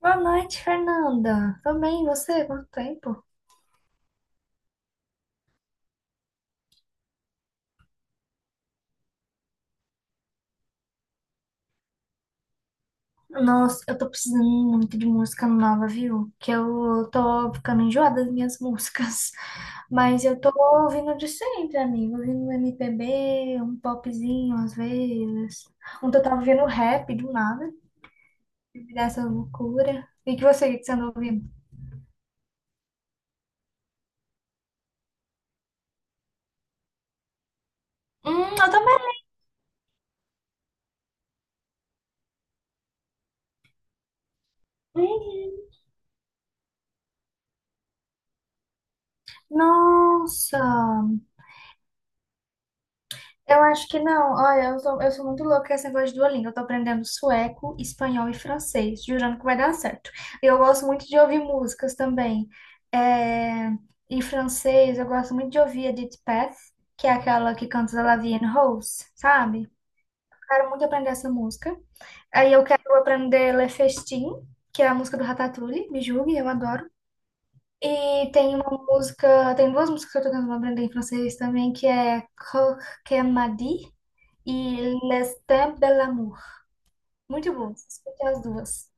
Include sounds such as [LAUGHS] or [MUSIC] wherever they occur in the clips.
Boa noite, Fernanda. Tô bem, e você? Quanto tempo? Nossa, eu tô precisando muito de música nova, viu? Que eu tô ficando enjoada das minhas [LAUGHS] músicas. Mas eu tô ouvindo de sempre, amigo. Ouvindo um MPB, um popzinho às vezes. Ontem eu tava ouvindo rap do nada, dessa loucura. E que você, o que você anda ouvindo? Eu também. Uhum. Nossa! Eu acho que não. Olha, eu sou muito louca com esse negócio de Duolingo. Eu tô aprendendo sueco, espanhol e francês, jurando que vai dar certo. E eu gosto muito de ouvir músicas também. É, em francês, eu gosto muito de ouvir Edith Piaf, que é aquela que canta La Vie en Rose, sabe? Quero muito aprender essa música. Aí eu quero aprender Le Festin, que é a música do Ratatouille, me julgue, eu adoro. E tem uma música, tem duas músicas que eu tô tentando aprender em francês também, que é Coq que Madi e L'Estin Belamour. Muito bom, escutei as duas.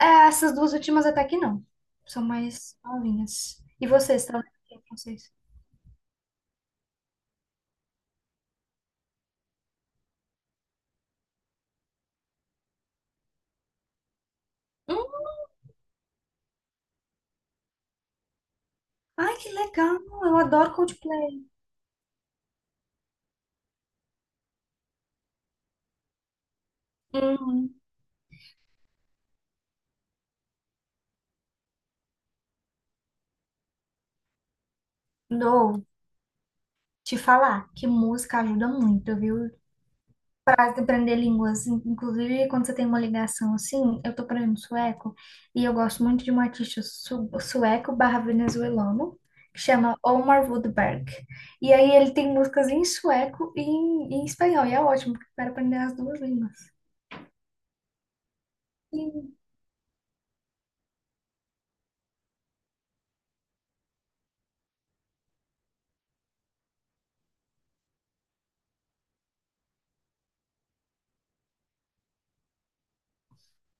É, essas duas últimas até que não. São mais novinhas. E vocês, estão lendo francês? Hum, ai, que legal! Eu adoro Coldplay. Uhum. Dou te falar que música ajuda muito, viu? De aprender línguas, inclusive quando você tem uma ligação assim, eu tô aprendendo sueco e eu gosto muito de um artista sueco barra venezuelano que chama Omar Woodberg. E aí ele tem músicas em sueco e em espanhol, e é ótimo, porque eu quero aprender as duas línguas. Sim,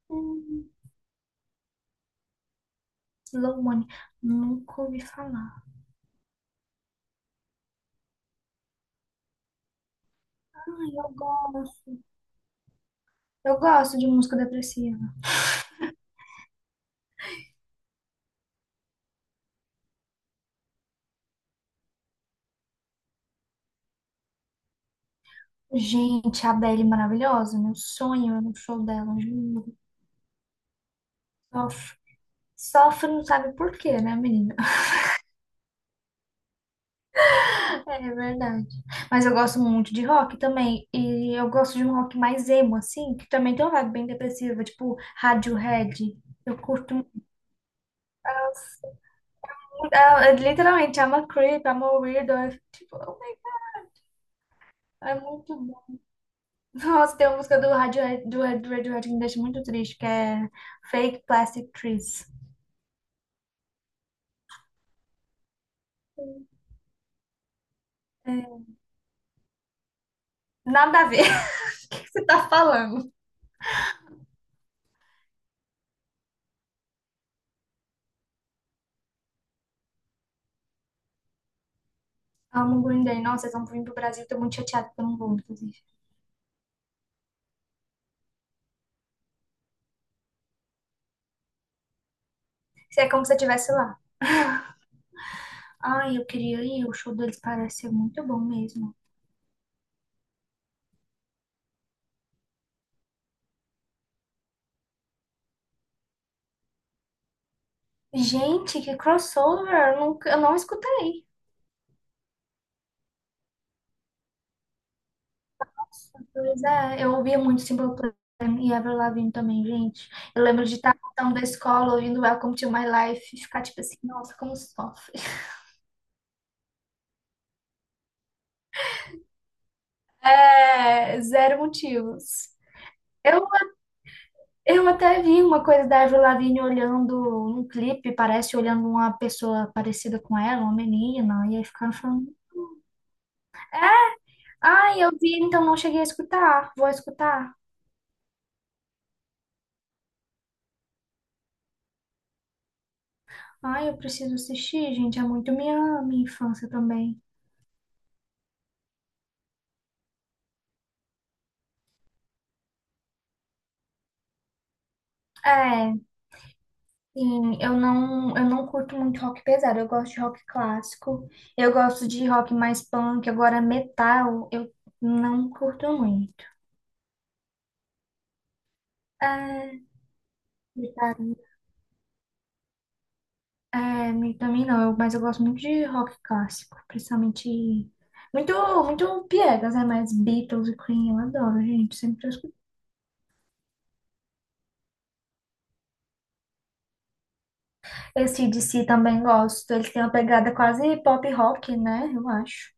hum, Slow Money, nunca ouvi falar. Ai, eu gosto. Eu gosto de música depressiva. Gente, a Adele é maravilhosa, meu sonho é um show dela, juro. Só sofre, não sabe por quê, né, menina? [LAUGHS] É verdade. Mas eu gosto muito de rock também. E eu gosto de um rock mais emo, assim, que também tem uma vibe bem depressiva, tipo Radiohead. Eu curto muito. Nossa, muito- ah, eu literalmente, I'm a creep, I'm a weirdo. É tipo, oh my God, é muito bom. [LAUGHS] Nossa, tem uma música do Radiohead, do do Radiohead que me deixa muito triste, que é Fake Plastic Trees. É, nada a ver. [LAUGHS] O que você tá falando? Amo o Green Day. Nossa, eles vão vir pro Brasil. Tô muito chateada que eu não vou, inclusive. Isso é como se eu estivesse lá. [LAUGHS] Ai, eu queria ir. O show deles parece ser muito bom mesmo. Gente, que crossover! Eu, nunca, eu não escutei. Pois é, eu ouvia muito Simple Plan e Avril Lavigne também, gente. Eu lembro de estar voltando da escola ouvindo Welcome to My Life e ficar tipo assim, nossa, como sofre. [LAUGHS] É, zero motivos. Eu Eu até vi uma coisa da Avril Lavigne olhando um clipe, parece olhando uma pessoa parecida com ela, uma menina, e aí ficaram falando: ai, eu vi, então não cheguei a escutar, vou escutar. Ai, eu preciso assistir, gente, é muito minha, minha infância também. É, sim, eu não curto muito rock pesado, eu gosto de rock clássico, eu gosto de rock mais punk, agora metal, eu não curto muito. É, também não, mas eu gosto muito de rock clássico, principalmente muito, muito piegas, né? Mas Beatles e Queen eu adoro, gente, sempre escuto. Esse AC/DC também gosto, eles têm uma pegada quase pop rock, né? Eu acho.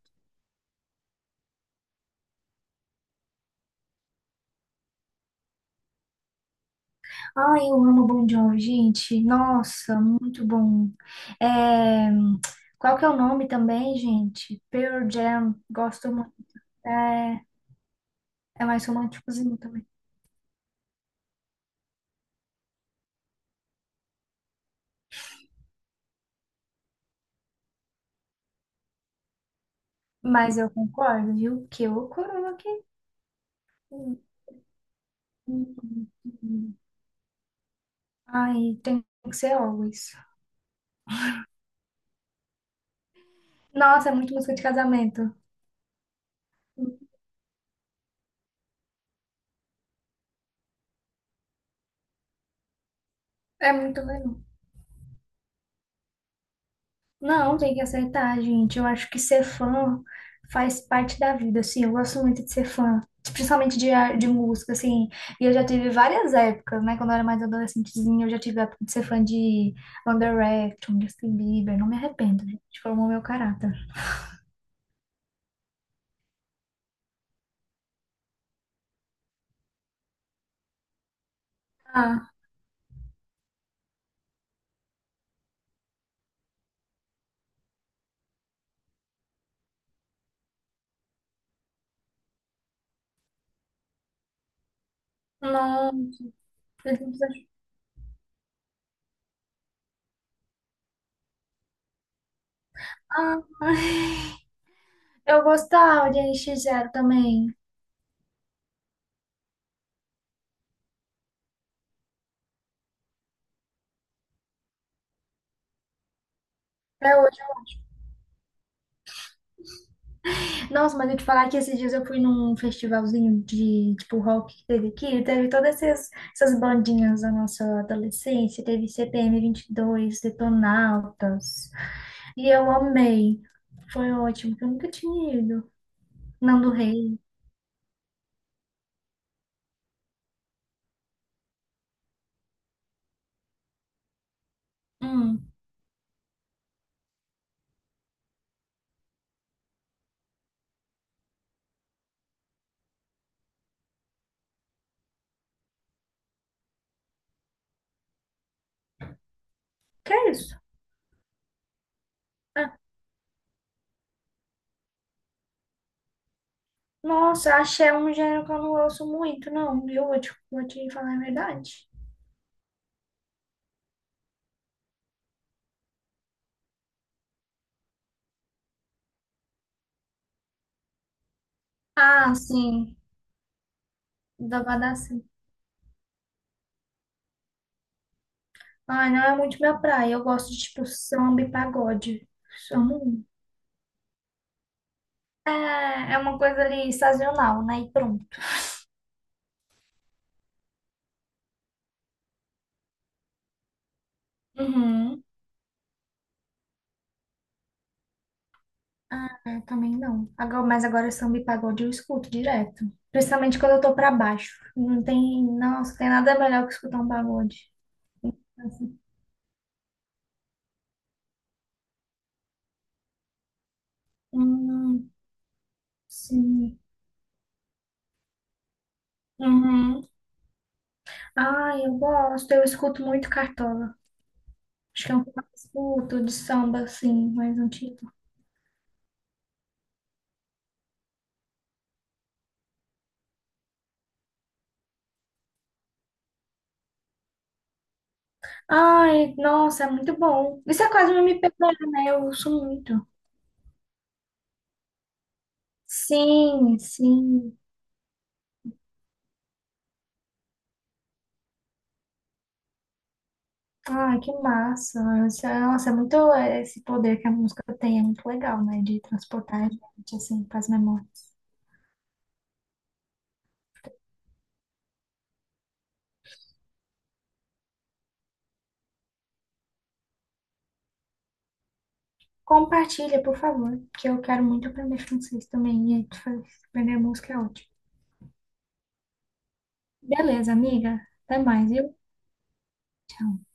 Ai, eu amo Bon Jovi, gente, nossa, muito bom. É, qual que é o nome também, gente? Pearl Jam, gosto muito. É, é mais românticozinho também. Mas eu concordo, viu? Que o coroa aqui, ai, tem que ser always. Nossa, é muito música de casamento. É muito legal. Não, tem que aceitar, gente. Eu acho que ser fã faz parte da vida, assim. Eu gosto muito de ser fã, principalmente de, de música, assim. E eu já tive várias épocas, né? Quando eu era mais adolescentezinha, eu já tive a época de ser fã de One Direction, Justin Bieber. Não me arrependo, gente. Formou meu caráter. Ah, não. Ah, [LAUGHS] eu gostava de NX Zero também. Até nossa, mas eu te falar que esses dias eu fui num festivalzinho de, tipo, rock que teve aqui, e teve todas essas, essas bandinhas da nossa adolescência, teve CPM 22, Detonautas, e eu amei. Foi ótimo, que eu nunca tinha ido. Não do Rei. Hum, que é isso? Ah, nossa, axé é um gênero que eu não ouço muito, não, viu? Vou te falar a verdade. Ah, sim, Dabadá, sim. Ai, não é muito minha praia, eu gosto de, tipo, samba e pagode. Amo. É, é uma coisa ali sazonal, né? E pronto. Uhum. Ah, eu também não. Agora, mas agora samba e pagode eu escuto direto. Principalmente quando eu tô pra baixo. Não tem, nossa, tem nada melhor que escutar um pagode. Assim, hum, sim. Uhum. Ah, eu gosto. Eu escuto muito Cartola. Acho que é um que eu mais escuto de samba, assim, mais antigo. Ai, nossa, é muito bom. Isso é quase um MPB, né? Eu uso muito. Sim, sim. Ai, que massa. Isso é- nossa, é muito é, esse poder que a música tem, é muito legal, né? De transportar a gente, assim, para as memórias. Compartilha, por favor, que eu quero muito aprender francês também. E aprender música é ótimo. Beleza, amiga. Até mais, viu? Tchau.